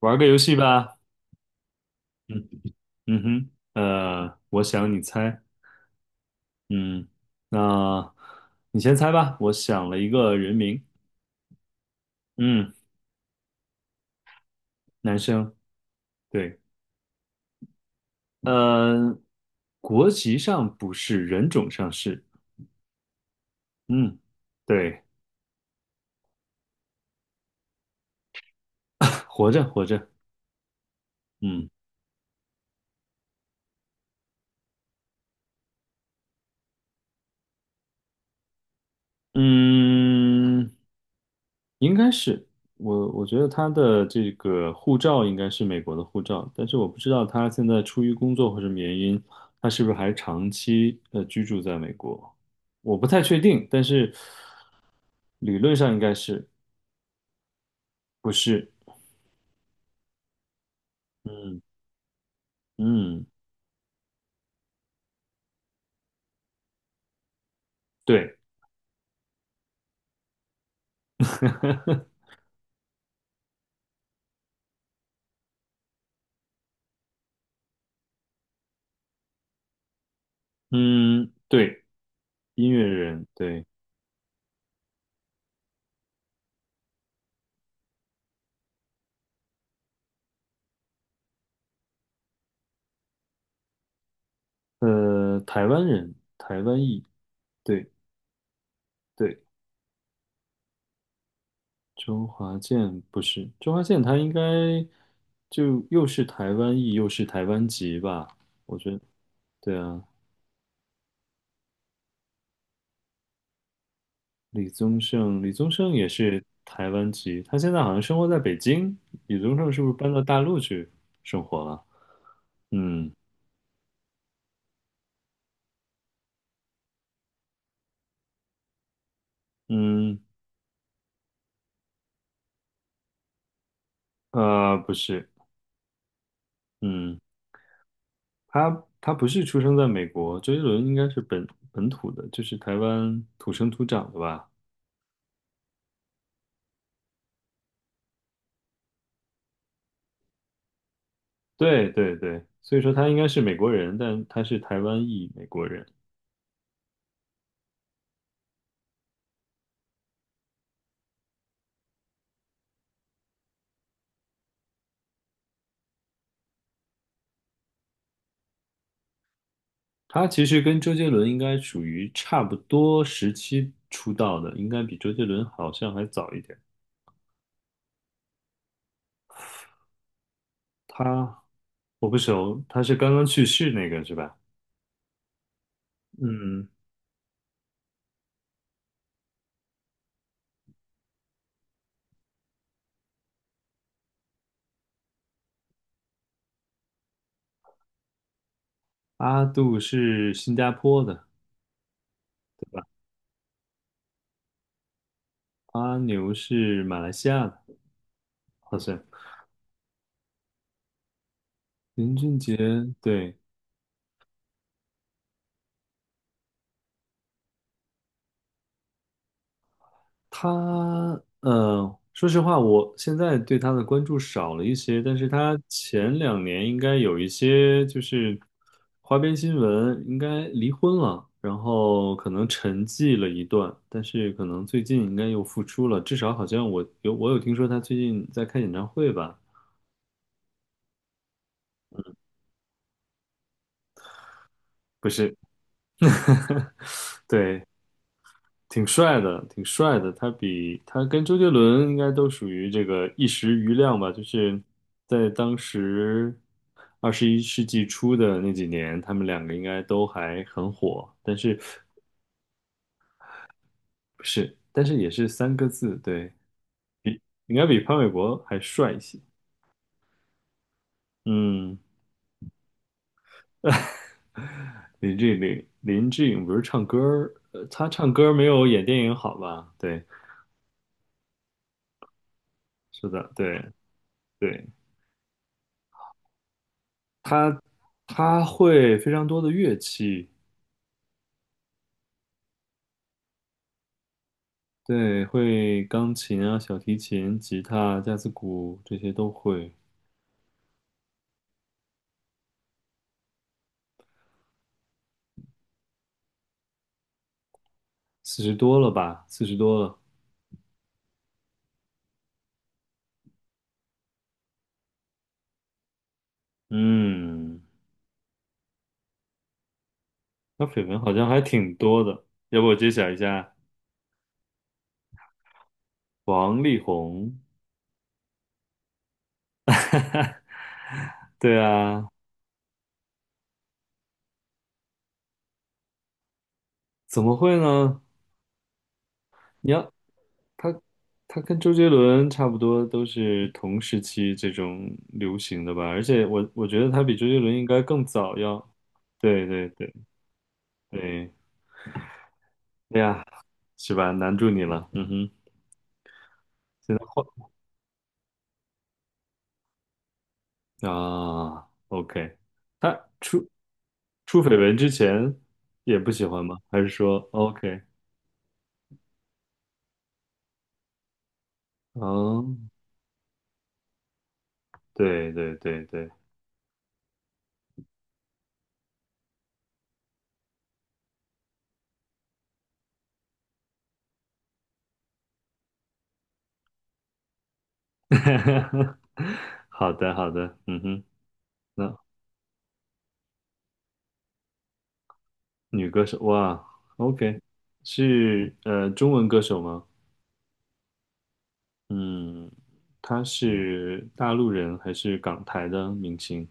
玩个游戏吧。嗯嗯哼，我想你猜。嗯，那你先猜吧。我想了一个人名。嗯，男生。对，呃，国籍上不是，人种上是。嗯，对，活着活着。嗯嗯，应该是我觉得他的这个护照应该是美国的护照，但是我不知道他现在出于工作或什么原因，他是不是还长期居住在美国，我不太确定，但是理论上应该是不是？嗯嗯，对，嗯对，音乐人，对，台湾人，台湾裔，对对。周华健不是，周华健他应该就又是台湾裔又是台湾籍吧？我觉得对啊，李宗盛，李宗盛也是台湾籍，他现在好像生活在北京。李宗盛是不是搬到大陆去生活了？嗯嗯,不是，嗯，他不是出生在美国，周杰伦应该是本土的，就是台湾土生土长的吧？对对对，所以说他应该是美国人，但他是台湾裔美国人。他其实跟周杰伦应该属于差不多时期出道的，应该比周杰伦好像还早一点。他我不熟，他是刚刚去世那个是吧？嗯，阿杜是新加坡的，对吧？阿牛是马来西亚的，好像。林俊杰，对，他，说实话，我现在对他的关注少了一些，但是他前两年应该有一些就是花边新闻，应该离婚了，然后可能沉寂了一段，但是可能最近应该又复出了，至少好像我有听说他最近在开演唱会吧？不是，对，挺帅的，挺帅的。他跟周杰伦应该都属于这个一时瑜亮吧，就是在当时二十一世纪初的那几年，他们两个应该都还很火。但是不是？但是也是三个字，对，应该比潘玮柏还帅一些。嗯，林志玲，林志颖不是唱歌儿,他唱歌儿没有演电影好吧？对，是的，对。对他他会非常多的乐器，对，会钢琴啊、小提琴、吉他、架子鼓这些都会。四十多了吧？四十多了。嗯，他绯闻好像还挺多的。要不我揭晓一下王力宏？对啊，怎么会呢？你要他他跟周杰伦差不多都是同时期这种流行的吧？而且我觉得他比周杰伦应该更早要。对对对对。哎呀，是吧？难住你了，嗯哼，现在换啊，OK,他出绯闻之前也不喜欢吗？还是说 OK?哦，对对对对，好的好的，嗯哼，那女歌手哇，OK,是中文歌手吗？嗯，她是大陆人还是港台的明星？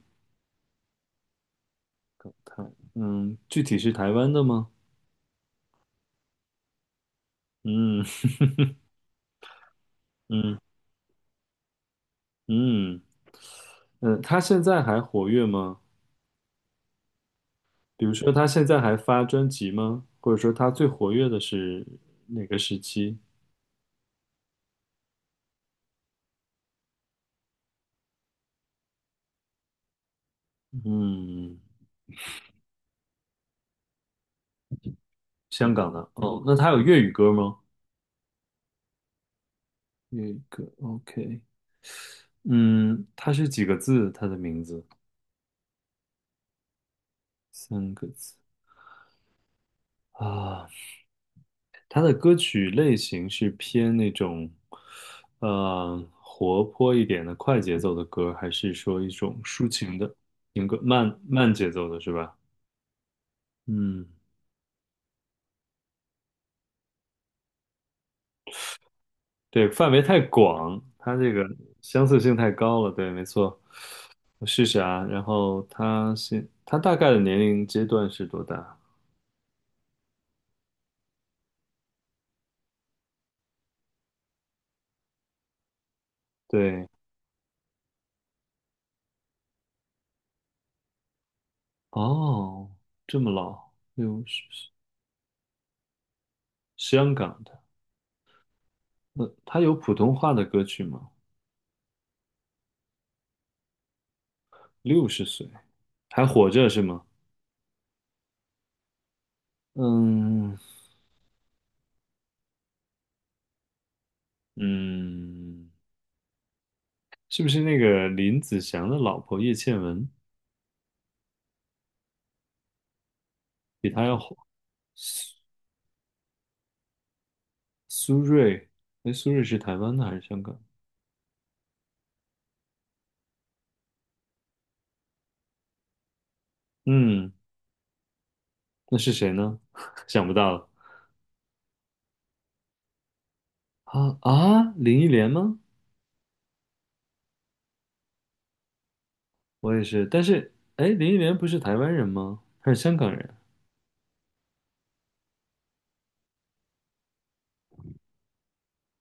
台，嗯，具体是台湾的吗？嗯 嗯嗯嗯，他现在还活跃吗？比如说，他现在还发专辑吗？或者说，他最活跃的是哪个时期？嗯，香港的。哦，那他有粤语歌吗？粤语歌，OK。嗯，他是几个字？他的名字三个字啊。他的歌曲类型是偏那种，活泼一点的快节奏的歌，还是说一种抒情的情歌，慢慢节奏的是吧？嗯。对，范围太广，它这个相似性太高了。对，没错，我试试啊。然后他大概的年龄阶段是多大？对，哦，这么老，六十岁，香港的。那他有普通话的歌曲吗？六十岁还活着是吗？嗯嗯，是不是那个林子祥的老婆叶倩文比他要火？苏芮，哎，苏芮是台湾的还是香港？嗯。那是谁呢？想不到了啊啊！林忆莲吗？我也是，但是哎，林忆莲不是台湾人吗？她是香港人。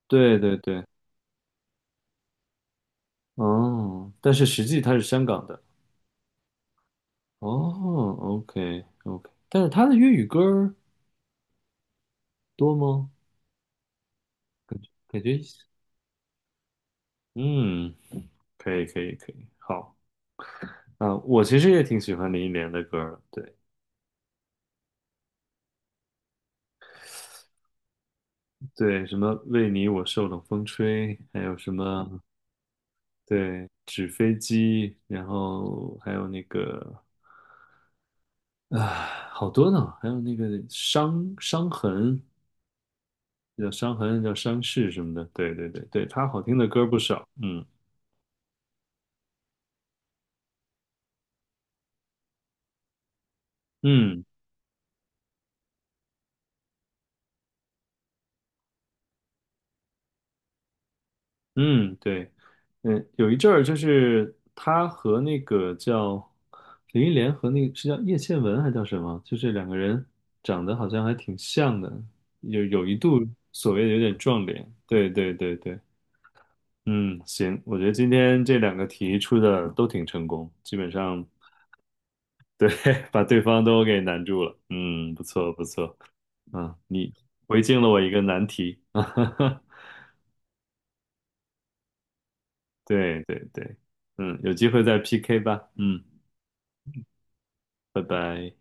对对对，哦，但是实际她是香港的。哦，OK OK,但是她的粤语歌儿多吗？感觉感觉，嗯，可以可以可以，好啊，我其实也挺喜欢林忆莲的歌儿的。对对，什么为你我受冷风吹，还有什么对纸飞机，然后还有那个。啊，好多呢，还有那个伤痕，叫伤痕，叫伤势什么的。对对对对，他好听的歌不少。嗯嗯嗯，对，嗯，有一阵儿就是他和那个叫林忆莲和那个是叫叶倩文还叫什么，就这两个人长得好像还挺像的，有一度所谓的有点撞脸。对对对对，嗯，行，我觉得今天这两个题出的都挺成功，基本上。对，把对方都给难住了。嗯，不错不错。嗯，你回敬了我一个难题。对对对，嗯，有机会再 PK 吧。嗯，拜拜。